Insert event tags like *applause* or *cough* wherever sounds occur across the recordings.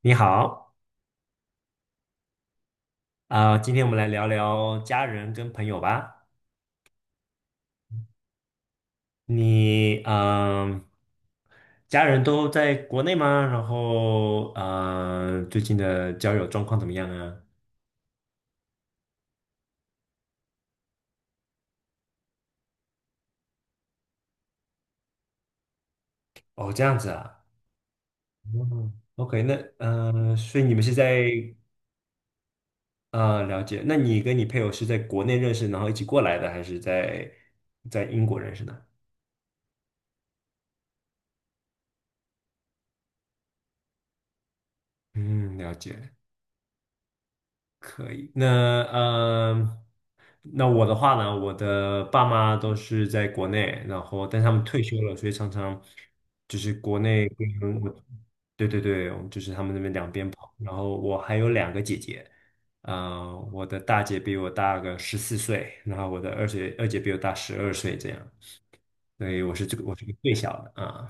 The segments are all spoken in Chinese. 你好，今天我们来聊聊家人跟朋友吧。你，家人都在国内吗？然后，最近的交友状况怎么样啊？哦，这样子啊。嗯，OK，那，所以你们是在，了解。那你跟你配偶是在国内认识，然后一起过来的，还是在英国认识的？嗯，了解。可以，那我的话呢，我的爸妈都是在国内，然后但他们退休了，所以常常就是国内跟我，对对对，我们这边跑。然后我还有两个姐姐，我的大姐比我大个14岁，然后我的二姐比我大12岁，这样，所以我是个最小的啊。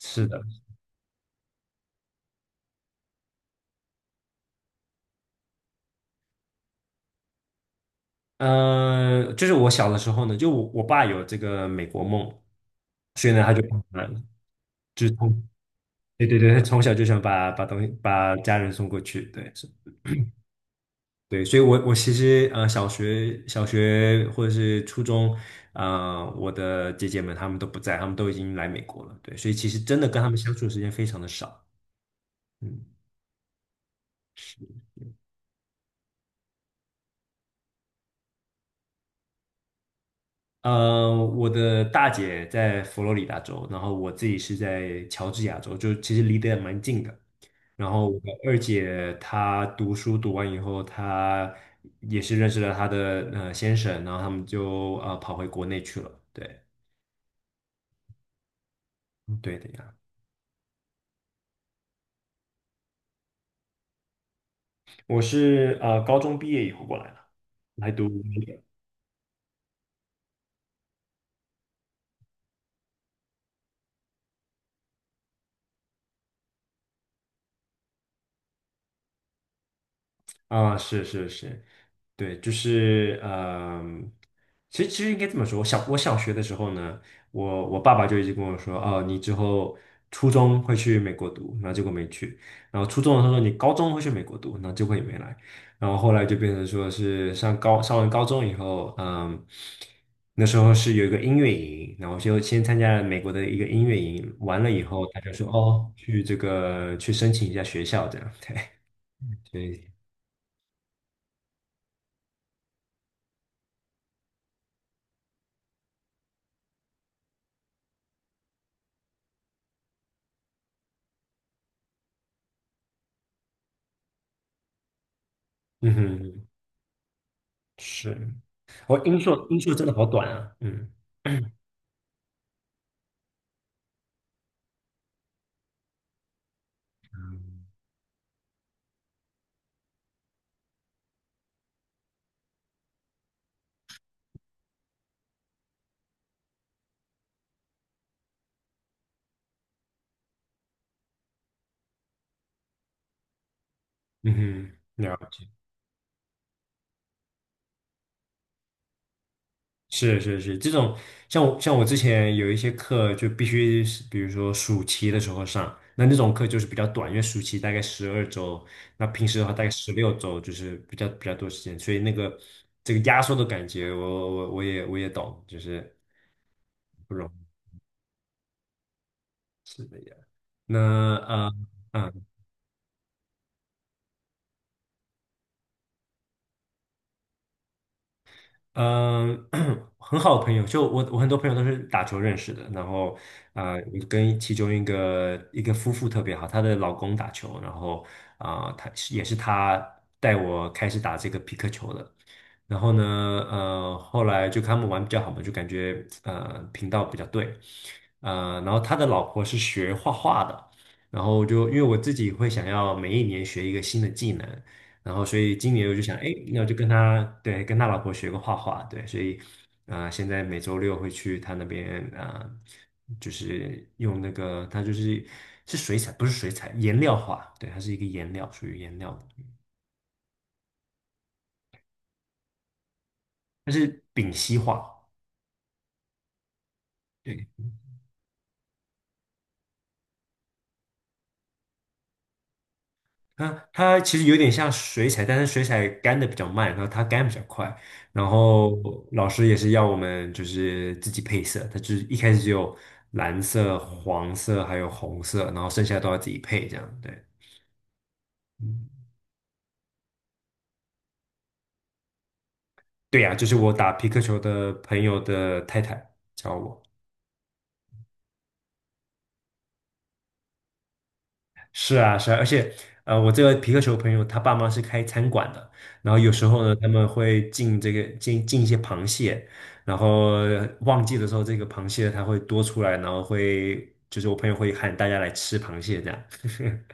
是的，就是我小的时候呢，就我爸有这个美国梦，所以呢他就跑过来了。对对对，他从小就想把东西把家人送过去，对是，对，所以我其实小学或者是初中，我的姐姐们她们都不在，她们都已经来美国了，对，所以其实真的跟她们相处的时间非常的少，嗯，是，我的大姐在佛罗里达州，然后我自己是在乔治亚州，就其实离得也蛮近的，然后我的二姐她读书读完以后，她也是认识了她的先生，然后他们就跑回国内去了。对，嗯对的呀。我是高中毕业以后过来的，来读。啊，是是是，对，就是嗯，其实应该这么说，我小学的时候呢，我爸爸就一直跟我说，哦，你之后初中会去美国读，然后结果没去，然后初中的时候说你高中会去美国读，然后结果也没来，然后后来就变成说是上完高中以后，嗯，那时候是有一个音乐营，然后就先参加了美国的一个音乐营，完了以后他就说，哦，去这个去申请一下学校这样，对，所以嗯哼。是，我音速真的好短啊，嗯 *clears throat* 嗯嗯，了解，是是是，这种像我之前有一些课就必须是，比如说暑期的时候上，那种课就是比较短，因为暑期大概12周，那平时的话大概16周，就是比较多时间，所以这个压缩的感觉我，我也懂，就是不容易，是的呀。那呃。嗯嗯，*clears throat* 很好的朋友，就我很多朋友都是打球认识的，然后我跟其中一个夫妇特别好，她的老公打球，然后她也是她带我开始打这个皮克球的，然后呢，后来就跟他们玩比较好嘛，就感觉呃频道比较对，然后他的老婆是学画画的，然后就因为我自己会想要每一年学一个新的技能。然后所以今年我就想，哎，那我就跟他对跟他老婆学个画画，对，所以现在每周六会去他那边，就是用他就是是水彩，不是水彩，颜料画，对，它是一个颜料，属于颜料的，它是丙烯画。对。它其实有点像水彩，但是水彩干的比较慢，然后它干比较快。然后老师也是要我们就是自己配色，他就是一开始只有蓝色、黄色还有红色，然后剩下都要自己配这样。对，嗯，对呀、就是我打皮克球的朋友的太太教我。是啊，是啊，而且，我这个皮克球朋友他爸妈是开餐馆的，然后有时候呢，他们会进进一些螃蟹，然后旺季的时候，这个螃蟹它会多出来，然后会就是我朋友会喊大家来吃螃蟹这样，*laughs*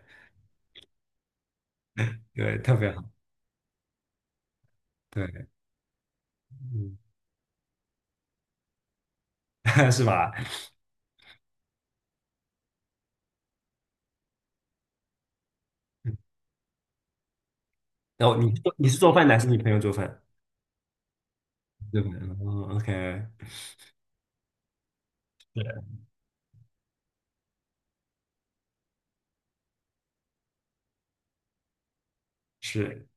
对，特别好，对，嗯，*laughs* 是吧？然后你是做饭的还是你朋友做饭？做饭，哦，OK，对，是，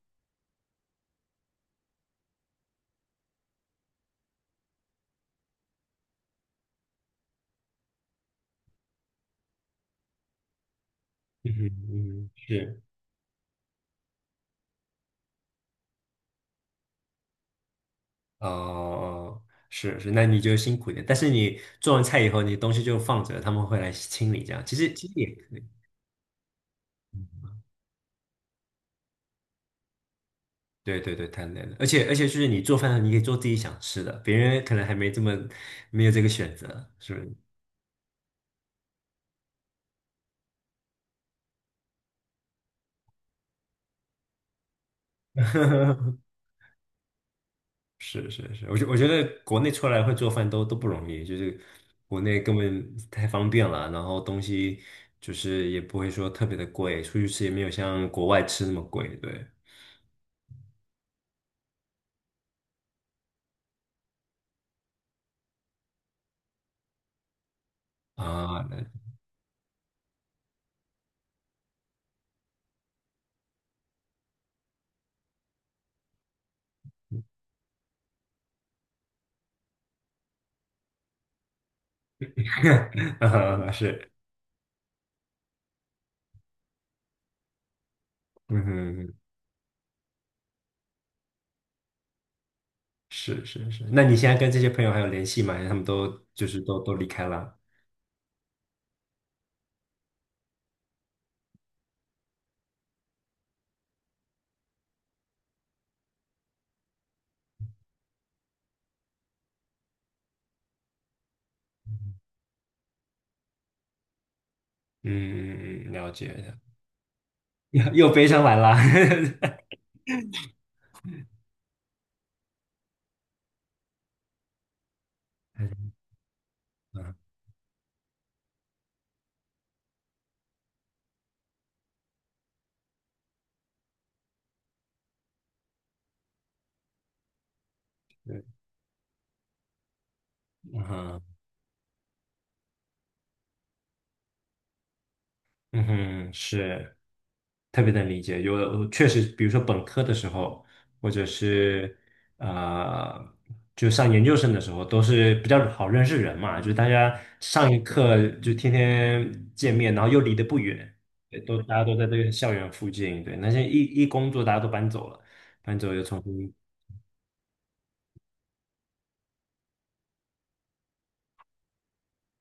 嗯哼嗯哼，是。哦，是是，那你就辛苦一点。但是你做完菜以后，你东西就放着，他们会来清理。这样其实也可以。嗯对对对，太累了。而且就是你做饭，你可以做自己想吃的，别人可能还没这么没有这个选择，是不是？*laughs* 是是是，我觉得国内出来会做饭都不容易，就是国内根本太方便了，然后东西就是也不会说特别的贵，出去吃也没有像国外吃那么贵，对啊，*laughs* 那啊是。嗯哼，是是是。那你现在跟这些朋友还有联系吗？他们都就是都离开了。嗯，嗯嗯嗯，了解。*laughs* 又悲伤完了。*laughs* 嗯，对，嗯哼，嗯哼，是。特别能理解。有的确实，比如说本科的时候，或者是呃，就上研究生的时候，都是比较好认识人嘛，就是大家上一课就天天见面，然后又离得不远，对，大家都在这个校园附近。对，那些一工作，大家都搬走了。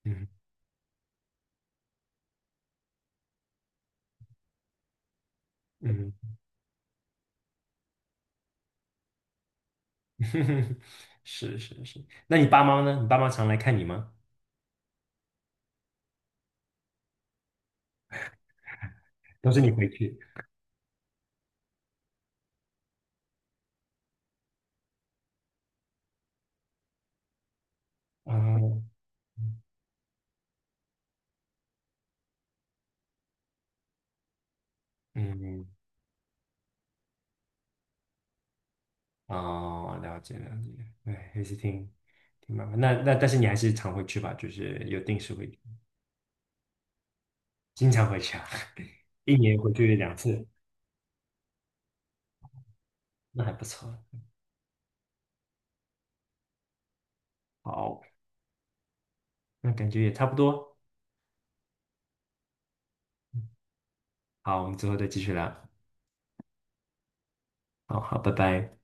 嗯嗯，*laughs* 是是是。那你爸妈呢？你爸妈常来看你吗？都是你回去？啊、嗯，嗯哦，了解了解，对，也是挺麻烦。那但是你还是常回去吧，就是有定时回去经常回去啊，*laughs* 一年回去两次，那还不错。好，那感觉也差不多。好，我们之后再继续聊。好好，拜拜。